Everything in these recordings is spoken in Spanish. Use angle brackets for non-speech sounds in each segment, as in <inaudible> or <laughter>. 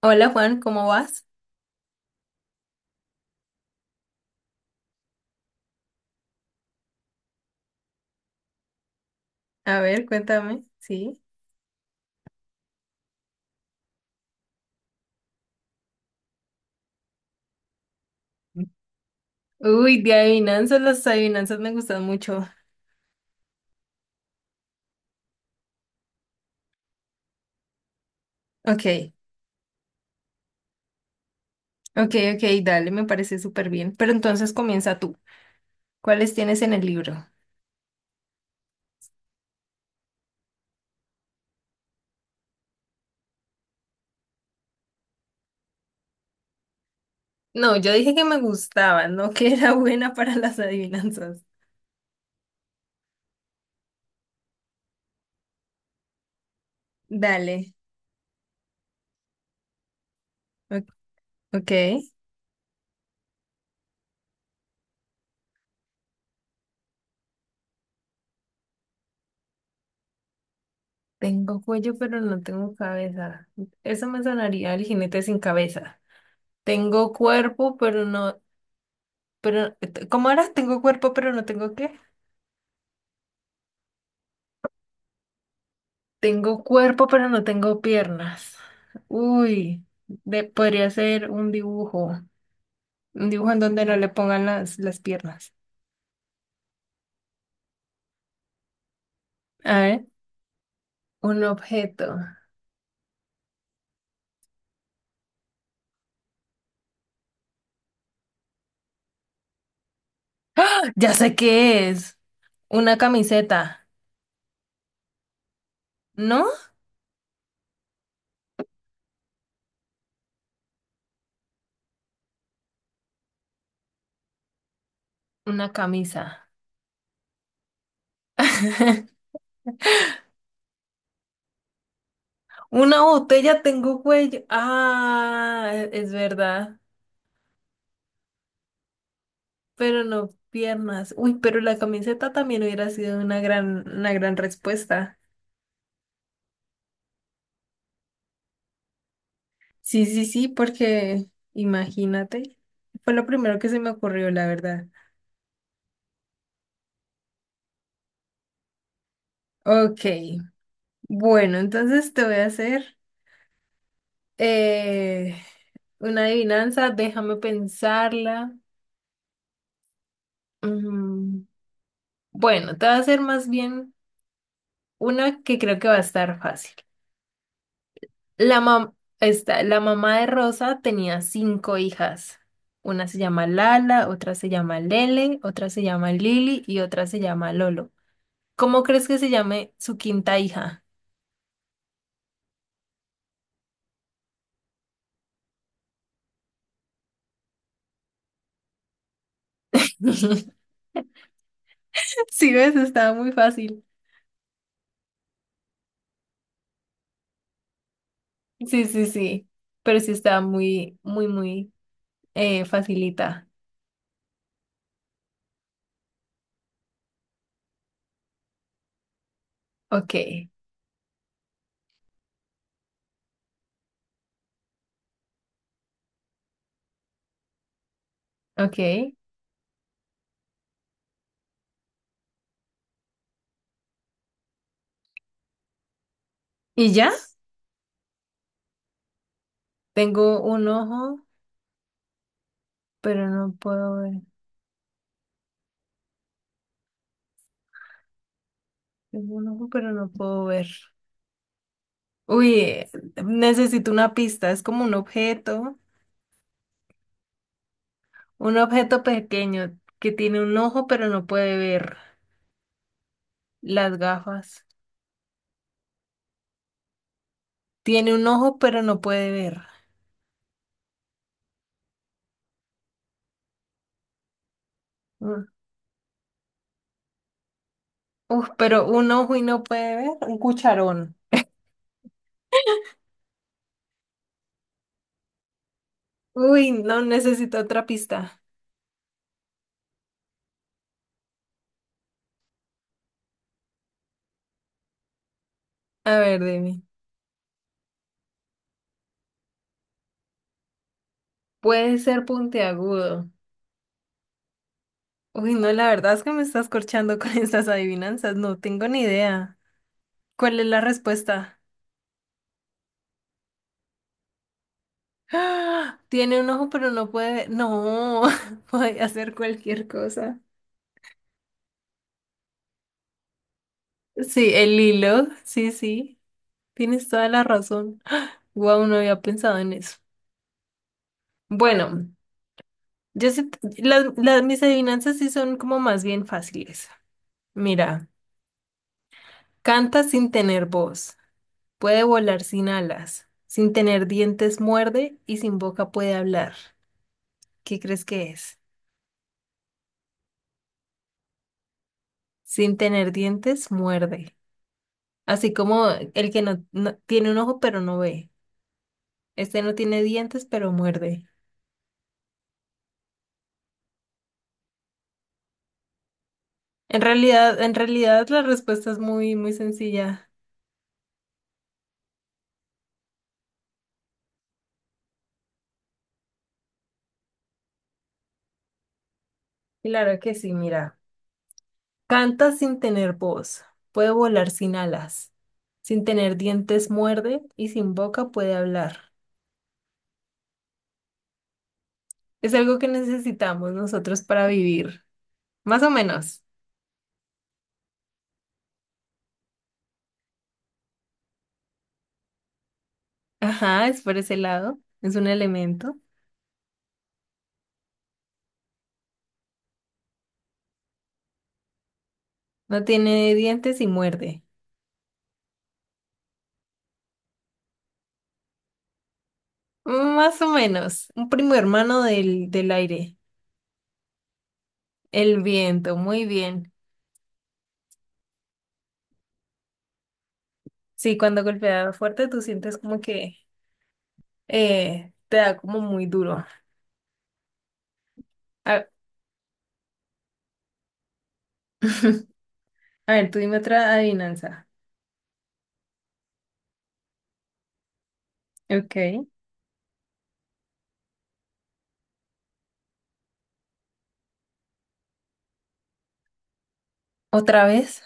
Hola Juan, ¿cómo vas? A ver, cuéntame, sí. Uy, de adivinanzas, las adivinanzas me gustan mucho. Ok, ok, ok, dale, me parece súper bien. Pero entonces comienza tú. ¿Cuáles tienes en el libro? No, yo dije que me gustaban, no que <laughs> era buena para las adivinanzas. Dale, o- ok. Tengo cuello, pero no tengo cabeza. Eso me sonaría el jinete sin cabeza. Tengo cuerpo, pero no, pero, ¿cómo era? Tengo cuerpo, pero no tengo qué. Tengo cuerpo, pero no tengo piernas. Uy, podría ser un dibujo. Un dibujo en donde no le pongan las piernas. A ver, un objeto. ¡Ah! Ya sé qué es. Una camiseta. ¿No? Una camisa. <laughs> Una botella tengo cuello. Ah, es verdad. Pero no piernas. Uy, pero la camiseta también hubiera sido una gran respuesta. Sí, sí, sí, porque imagínate, fue lo primero que se me ocurrió, la verdad. Ok, bueno, entonces te voy a hacer eh, una adivinanza, déjame pensarla. Mm, bueno, te voy a hacer más bien una que creo que va a estar fácil. La mam- la mamá de Rosa tenía cinco hijas. Una se llama Lala, otra se llama Lele, otra se llama Lili y otra se llama Lolo. ¿Cómo crees que se llame su quinta hija? <laughs> Sí, ves, estaba muy fácil. Sí, sí, sí. Pero sí estaba muy, muy, muy facilita. Ok, ok. ¿Y ya? Tengo un ojo, pero no puedo ver. Tengo un ojo, pero no puedo ver. Uy, necesito una pista. Es como un objeto pequeño que tiene un ojo, pero no puede ver. Las gafas. Tiene un ojo, pero no puede ver. Uf, pero un ojo y no puede ver. Un cucharón. Uy, no necesito otra pista. A ver, dime. Puede ser puntiagudo. Uy, no, la verdad es que me estás corchando con <laughs> estas adivinanzas. No tengo ni idea. ¿Cuál es la respuesta? ¡Ah! Tiene un ojo, pero no puede ver. No, <laughs> puede hacer cualquier cosa. Sí, el hilo. Sí, sí. Tienes toda la razón. Wow, no había pensado en eso. Bueno. Yo sé, mis adivinanzas sí son como más bien fáciles. Mira, canta sin tener voz, puede volar sin alas, sin tener dientes muerde y sin boca puede hablar. ¿Qué crees que es? Sin tener dientes muerde. Así como el que tiene un ojo pero no ve. Este no tiene dientes pero muerde. En realidad la respuesta es muy, muy sencilla. Claro que sí, mira. Canta sin tener voz, puede volar sin alas, sin tener dientes muerde y sin boca puede hablar. Es algo que necesitamos nosotros para vivir, más o menos. Ajá, es por ese lado, es un elemento. No tiene dientes y muerde. Más o menos, un primo hermano del aire, el viento, muy bien. Sí, cuando golpea fuerte tú sientes como que te da como muy duro. A, <laughs> a ver, tú dime otra adivinanza. Ok. Otra vez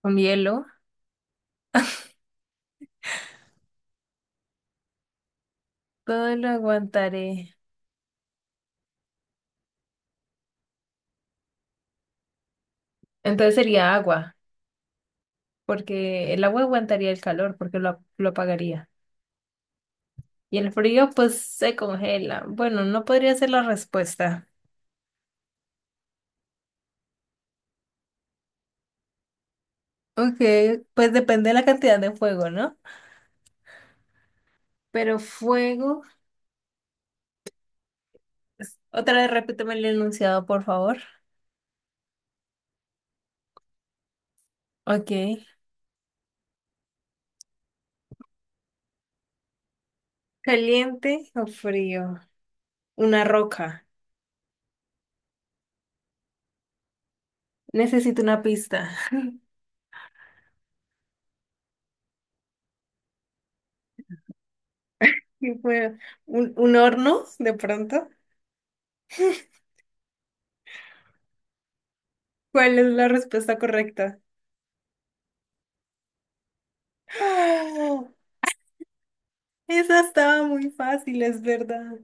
con hielo. Todo lo aguantaré. Entonces sería agua, porque el agua aguantaría el calor, lo apagaría. Y el frío, pues se congela. Bueno, no podría ser la respuesta. Ok, pues depende de la cantidad de fuego, ¿no? Pero fuego. Otra vez repíteme el enunciado, por favor. Ok. ¿Caliente o frío? Una roca. Necesito una pista. <laughs> ¿Qué fue? ¿Un horno de pronto? ¿Cuál es la respuesta correcta? ¡Oh! Esa estaba muy fácil, es verdad.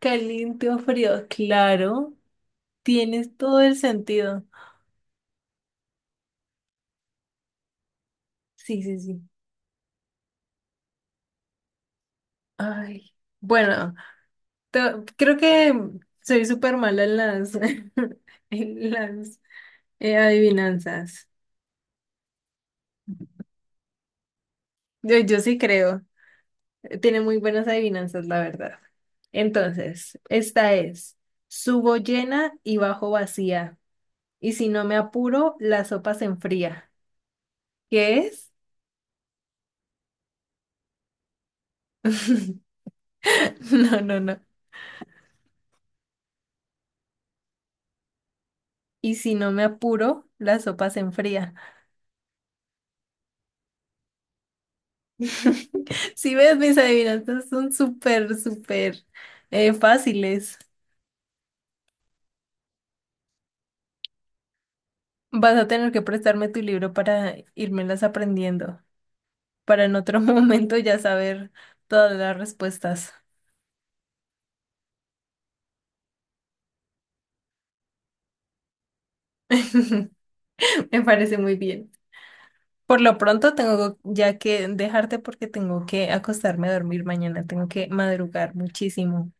Caliente o frío, claro, tienes todo el sentido. Sí, sí, sí. Ay, bueno, te- creo que soy súper mala en las, <laughs> en las adivinanzas. Yo sí creo. Tiene muy buenas adivinanzas, la verdad. Entonces, esta es, subo llena y bajo vacía. Y si no me apuro, la sopa se enfría. ¿Qué es? <laughs> No, no, no. Y si no me apuro, la sopa se enfría. <laughs> Si ves, mis adivinanzas son súper, súper fáciles. Vas a tener que prestarme tu libro para irmelas aprendiendo, para en otro <laughs> momento ya saber todas las respuestas. <laughs> Me parece muy bien. Por lo pronto tengo ya que dejarte porque tengo que acostarme a dormir mañana, tengo que madrugar muchísimo.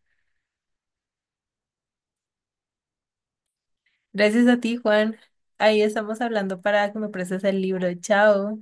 Gracias a ti, Juan. Ahí estamos hablando para que me prestes el libro. Chao.